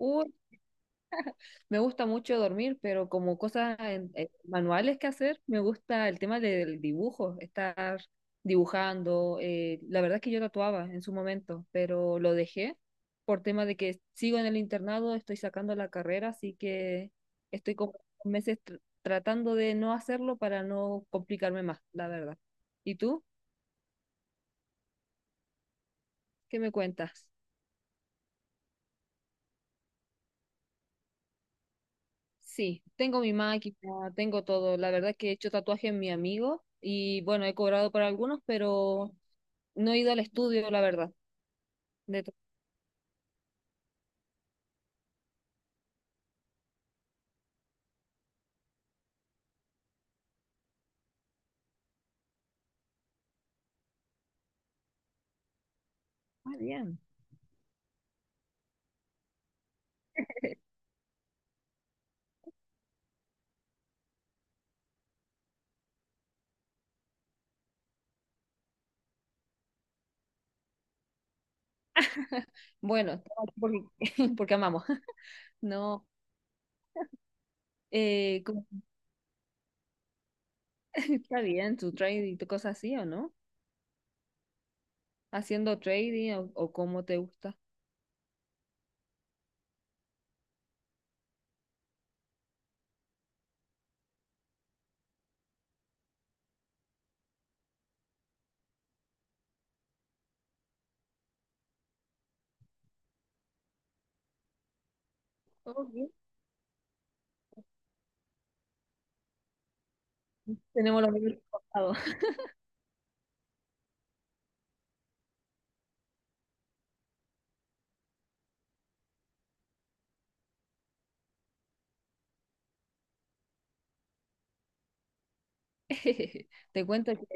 Uh, Me gusta mucho dormir, pero como cosas manuales que hacer, me gusta el tema del dibujo, estar dibujando. La verdad es que yo tatuaba en su momento, pero lo dejé por tema de que sigo en el internado, estoy sacando la carrera, así que estoy como meses tratando de no hacerlo para no complicarme más, la verdad. ¿Y tú? ¿Qué me cuentas? Sí, tengo mi máquina, tengo todo. La verdad que he hecho tatuajes en mi amigo y bueno, he cobrado por algunos, pero no he ido al estudio, la verdad. De to- Ah, bien. Bueno, estaba aquí porque, porque amamos. No. eh, ¿cómo- ¿está bien tu trading, tu cosa así o no? Haciendo trading o cómo te gusta. Todo bien. Tenemos los mismos pasados. Te cuento que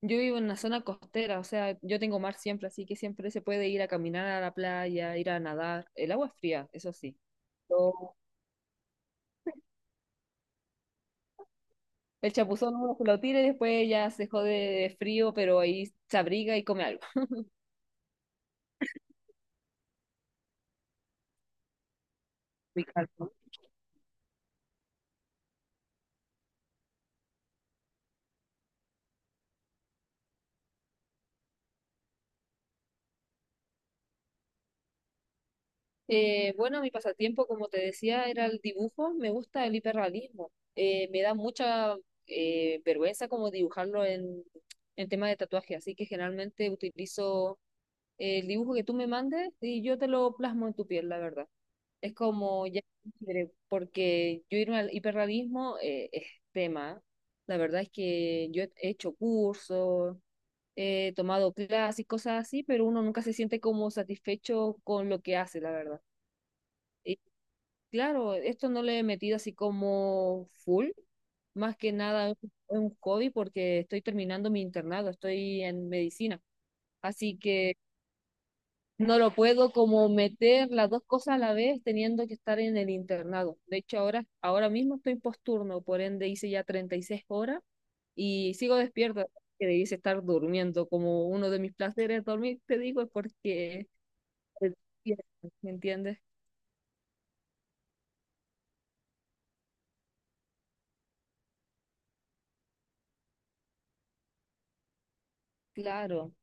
yo vivo en una zona costera, o sea, yo tengo mar siempre, así que siempre se puede ir a caminar a la playa, ir a nadar. El agua es fría, eso sí. Lo- el chapuzón uno se lo tira y después ya se jode de frío, pero ahí se abriga y come algo. Muy calmo. Bueno, mi pasatiempo, como te decía, era el dibujo. Me gusta el hiperrealismo. Me da mucha vergüenza como dibujarlo en tema de tatuaje, así que generalmente utilizo el dibujo que tú me mandes y yo te lo plasmo en tu piel, la verdad. Es como ya libre, porque yo irme al hiperrealismo es tema. La verdad es que yo he hecho cursos, he tomado clases y cosas así, pero uno nunca se siente como satisfecho con lo que hace, la verdad. Y claro, esto no le he metido así como full, más que nada es un hobby porque estoy terminando mi internado, estoy en medicina. Así que no lo puedo como meter las dos cosas a la vez teniendo que estar en el internado. De hecho, ahora mismo estoy posturno, por ende hice ya 36 horas y sigo despierto, que debiese estar durmiendo. Como uno de mis placeres dormir, te digo, es porque... ¿Me entiendes? Claro.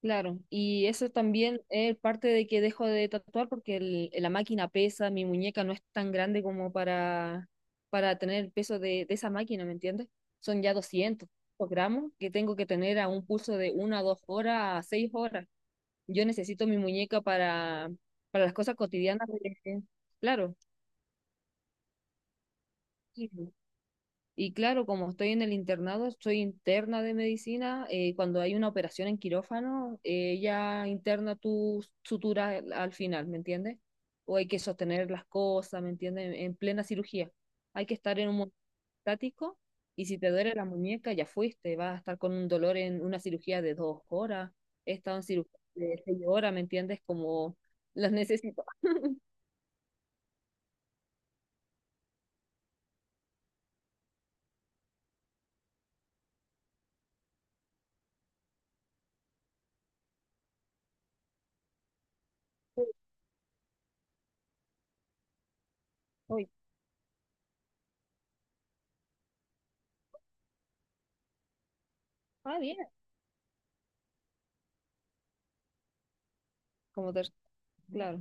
Claro, y eso también es parte de que dejo de tatuar porque la máquina pesa, mi muñeca no es tan grande como para tener el peso de esa máquina, ¿me entiendes? Son ya 200 gramos que tengo que tener a un pulso de una, a 2 horas, a 6 horas. Yo necesito mi muñeca para las cosas cotidianas. Claro. Sí. Y claro, como estoy en el internado, soy interna de medicina. Cuando hay una operación en quirófano, ella interna tu sutura al final, ¿me entiendes? O hay que sostener las cosas, ¿me entiendes? En plena cirugía. Hay que estar en un momento estático y si te duele la muñeca, ya fuiste. Vas a estar con un dolor en una cirugía de 2 horas. He estado en cirugía de 6 horas, ¿me entiendes? Como las necesito. Hoy. Ah, bien. como te, claro.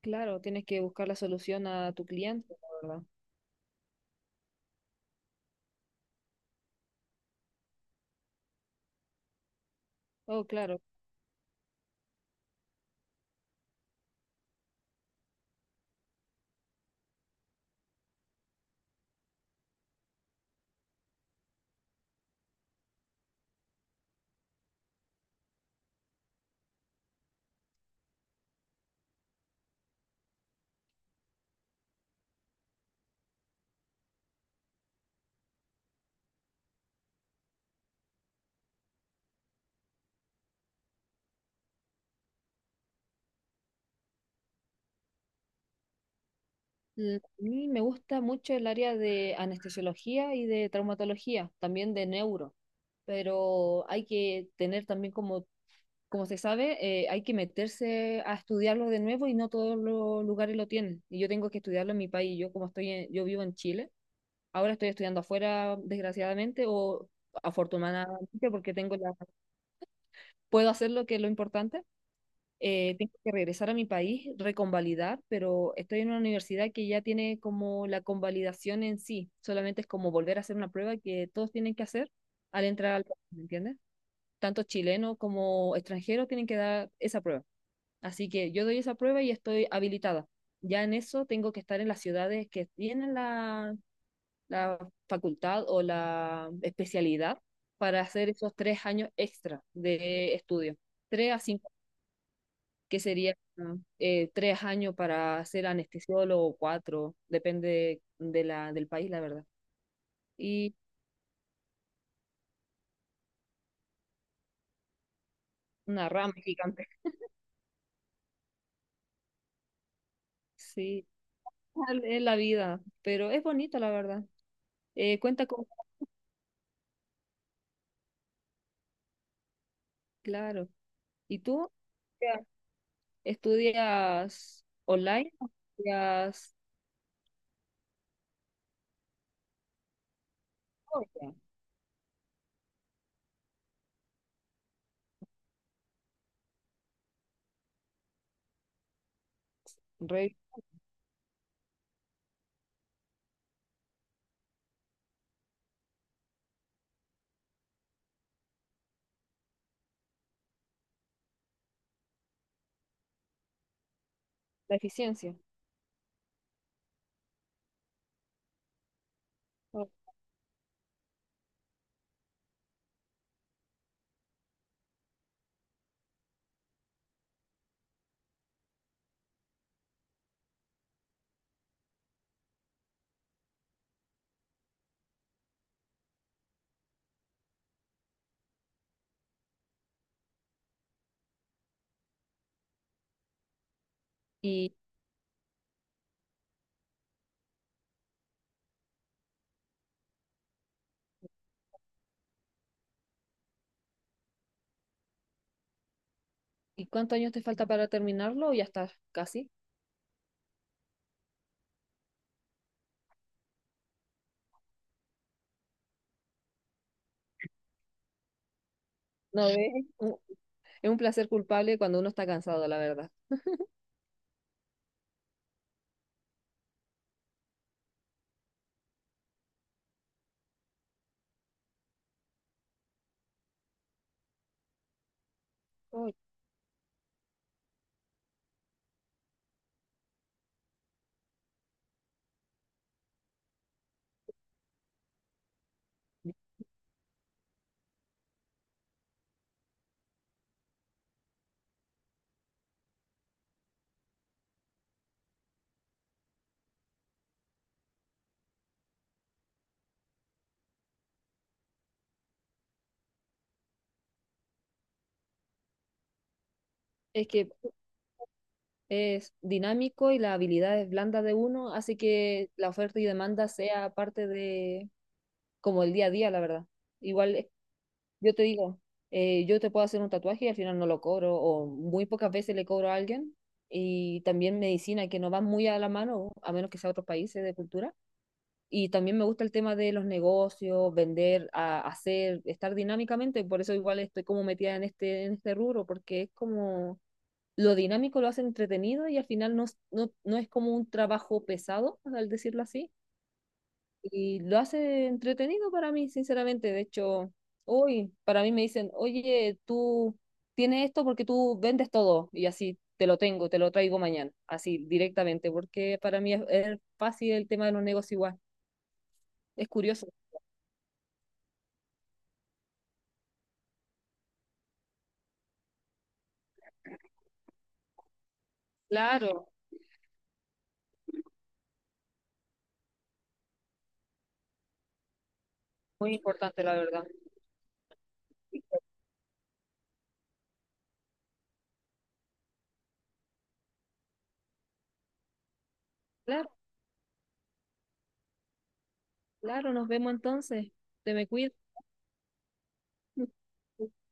Claro, tienes que buscar la solución a tu cliente, la verdad. Oh, claro. A mí me gusta mucho el área de anestesiología y de traumatología, también de neuro, pero hay que tener también como se sabe, hay que meterse a estudiarlo de nuevo y no todos los lugares lo tienen. Y yo tengo que estudiarlo en mi país. Yo como estoy yo vivo en Chile, ahora estoy estudiando afuera, desgraciadamente, o afortunadamente porque tengo la, puedo hacer lo que es lo importante. Tengo que regresar a mi país, reconvalidar, pero estoy en una universidad que ya tiene como la convalidación en sí, solamente es como volver a hacer una prueba que todos tienen que hacer al entrar al país, ¿me entiendes? Tanto chilenos como extranjeros tienen que dar esa prueba. Así que yo doy esa prueba y estoy habilitada. Ya en eso tengo que estar en las ciudades que tienen la, la facultad o la especialidad para hacer esos 3 años extra de estudio, 3 a 5 que sería 3 años para ser anestesiólogo o cuatro, depende de la, del país, la verdad. Y una rama gigante, sí, es la vida, pero es bonito, la verdad. Cuenta con... claro. ¿Y tú? Ya. ¿Estudias online o estudias... Oh, ya. Re- ¿La eficiencia? Oh. ¿Y, y cuántos años te falta para terminarlo o ya estás casi? No, ves, es un placer culpable cuando uno está cansado, la verdad. Oh. Es que es dinámico y las habilidades blandas de uno hace que la oferta y demanda sea parte de como el día a día, la verdad. Igual, yo te digo, yo te puedo hacer un tatuaje y al final no lo cobro o muy pocas veces le cobro a alguien y también medicina que no va muy a la mano, a menos que sea otros países de cultura. Y también me gusta el tema de los negocios, vender, hacer, estar dinámicamente, por eso igual estoy como metida en este rubro, porque es como lo dinámico lo hace entretenido y al final no, no, no es como un trabajo pesado, al decirlo así. Y lo hace entretenido para mí, sinceramente. De hecho, hoy para mí me dicen, oye, tú tienes esto porque tú vendes todo y así te lo tengo, te lo traigo mañana, así directamente, porque para mí es fácil el tema de los negocios igual. Es curioso. Claro, muy importante la verdad. Claro, claro, nos vemos entonces. Te me cuidas.